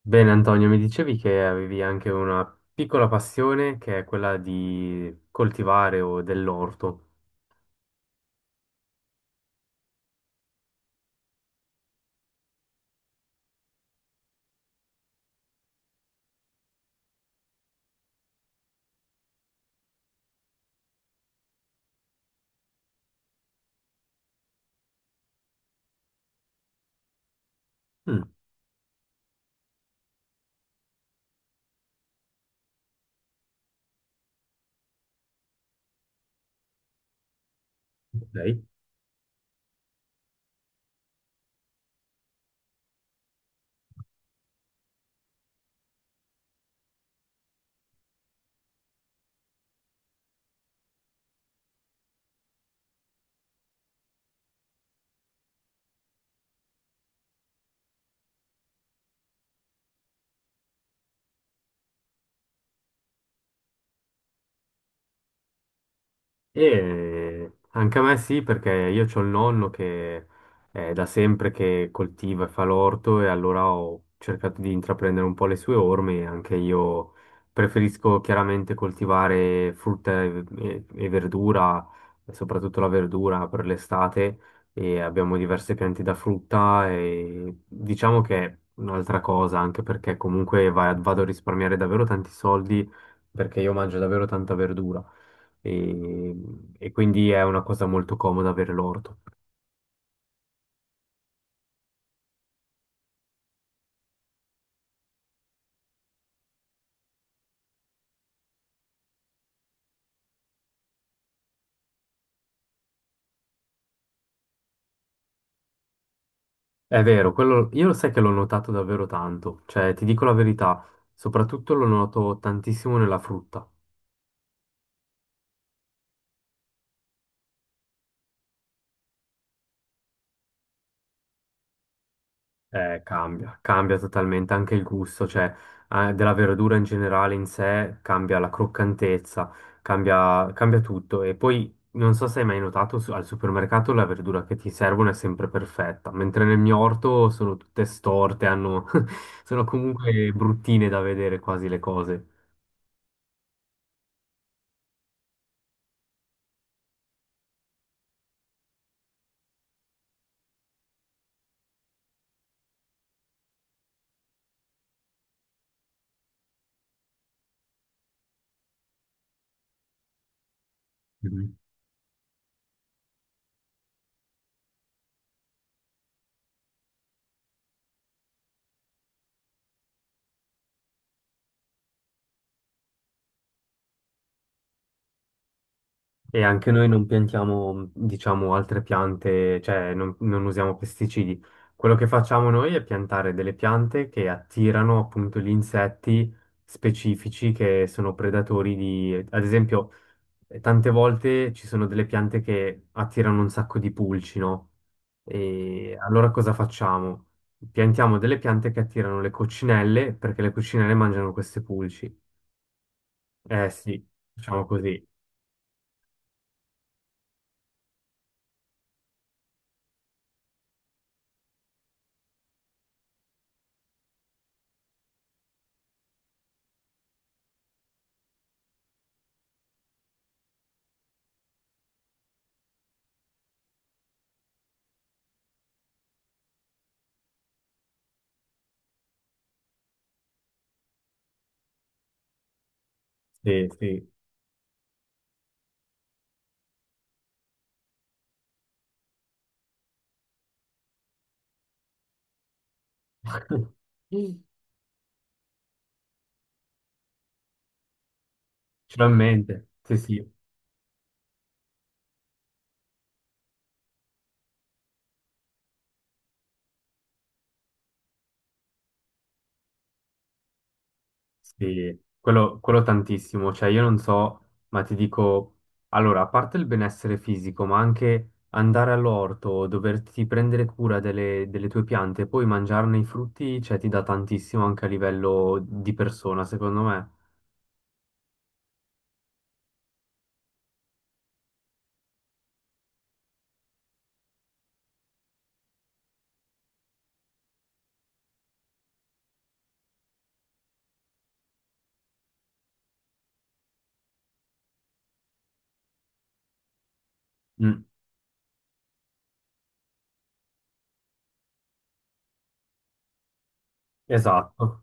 Bene, Antonio, mi dicevi che avevi anche una piccola passione che è quella di coltivare o dell'orto. Mm, ok. E anche a me sì, perché io ho il nonno che è da sempre che coltiva e fa l'orto e allora ho cercato di intraprendere un po' le sue orme. Anche io preferisco chiaramente coltivare frutta e verdura, e soprattutto la verdura per l'estate e abbiamo diverse piante da frutta e diciamo che è un'altra cosa, anche perché comunque vado a risparmiare davvero tanti soldi perché io mangio davvero tanta verdura e, e quindi è una cosa molto comoda avere l'orto. È vero, quello, io lo sai che l'ho notato davvero tanto, cioè ti dico la verità, soprattutto lo noto tantissimo nella frutta. Cambia totalmente anche il gusto, cioè della verdura in generale in sé, cambia la croccantezza, cambia tutto. E poi non so se hai mai notato al supermercato la verdura che ti servono è sempre perfetta, mentre nel mio orto sono tutte storte, hanno- sono comunque bruttine da vedere quasi le cose. E anche noi non piantiamo, diciamo, altre piante, cioè non usiamo pesticidi. Quello che facciamo noi è piantare delle piante che attirano appunto gli insetti specifici che sono predatori di, ad esempio, tante volte ci sono delle piante che attirano un sacco di pulci, no? E allora cosa facciamo? Piantiamo delle piante che attirano le coccinelle perché le coccinelle mangiano queste pulci. Eh sì, facciamo così. Sì, sì. Finalmente, sì, sì, sì, quello tantissimo, cioè io non so, ma ti dico, allora, a parte il benessere fisico, ma anche andare all'orto, doverti prendere cura delle tue piante, e poi mangiarne i frutti, cioè ti dà tantissimo anche a livello di persona, secondo me. Mm, esatto,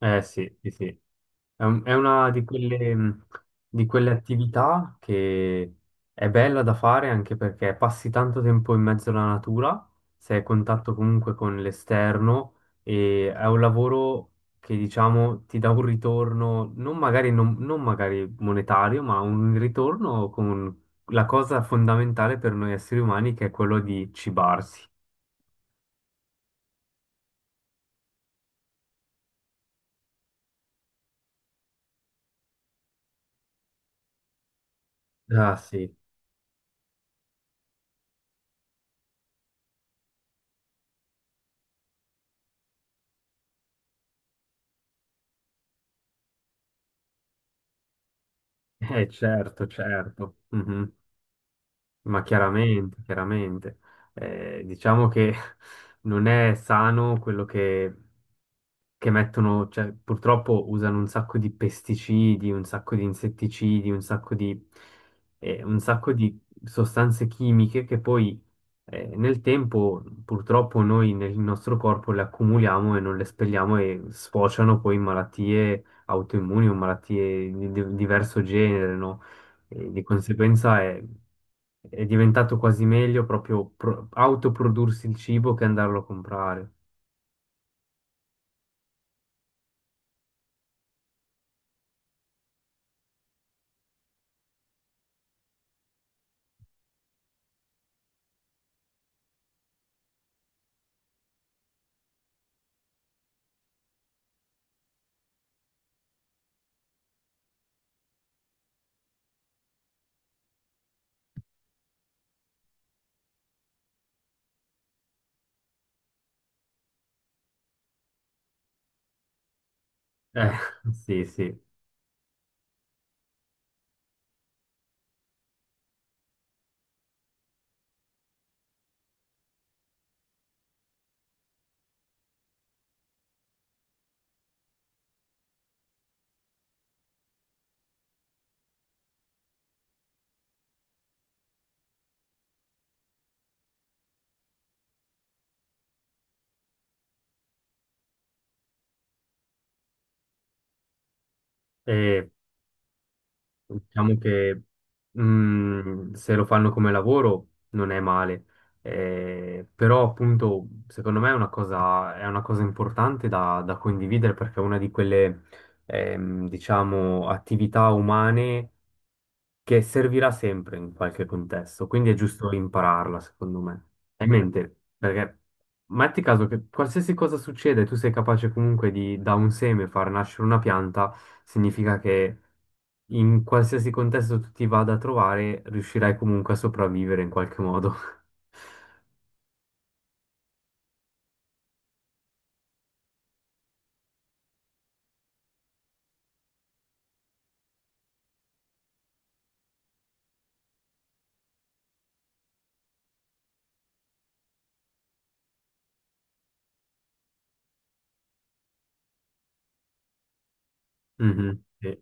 eh sì, sì, sì. È una di quelle attività che è bella da fare anche perché passi tanto tempo in mezzo alla natura, sei a contatto comunque con l'esterno e è un lavoro che diciamo ti dà un ritorno, non magari, non magari monetario, ma un ritorno con la cosa fondamentale per noi esseri umani che è quello di cibarsi. Ah sì, certo, certo. Mhm. Ma chiaramente, chiaramente. Diciamo che non è sano quello che mettono, cioè purtroppo usano un sacco di pesticidi, un sacco di insetticidi, un sacco di sostanze chimiche che poi nel tempo purtroppo noi nel nostro corpo le accumuliamo e non le espelliamo e sfociano poi in malattie autoimmuni o malattie di diverso genere, no? E di conseguenza è diventato quasi meglio proprio autoprodursi il cibo che andarlo a comprare. Eh, sì, sì. E diciamo che mm, se lo fanno come lavoro non è male. Però appunto, secondo me è una cosa importante da, da condividere perché è una di quelle, diciamo, attività umane che servirà sempre in qualche contesto, quindi è giusto impararla, secondo me. Hai in mente, perché metti caso che qualsiasi cosa succede, tu sei capace comunque di da un seme far nascere una pianta, significa che in qualsiasi contesto tu ti vada a trovare, riuscirai comunque a sopravvivere in qualche modo. Mhm, sì,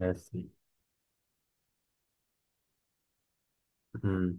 eh sì. Mm.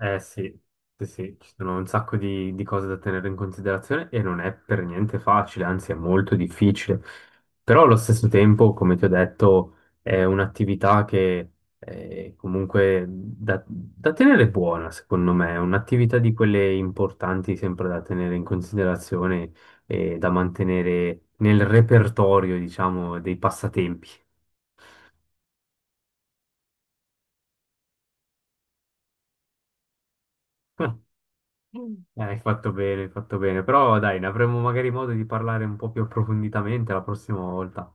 Eh sì, sì, sì, ci sono un sacco di cose da tenere in considerazione e non è per niente facile, anzi è molto difficile. Però allo stesso tempo, come ti ho detto, è un'attività che è comunque da, da tenere buona, secondo me, è un'attività di quelle importanti sempre da tenere in considerazione e da mantenere nel repertorio, diciamo, dei passatempi. Mm. Hai fatto bene, hai fatto bene. Però dai, ne avremo magari modo di parlare un po' più approfonditamente la prossima volta.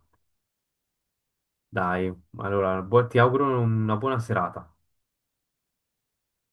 Dai, allora, ti auguro una buona serata.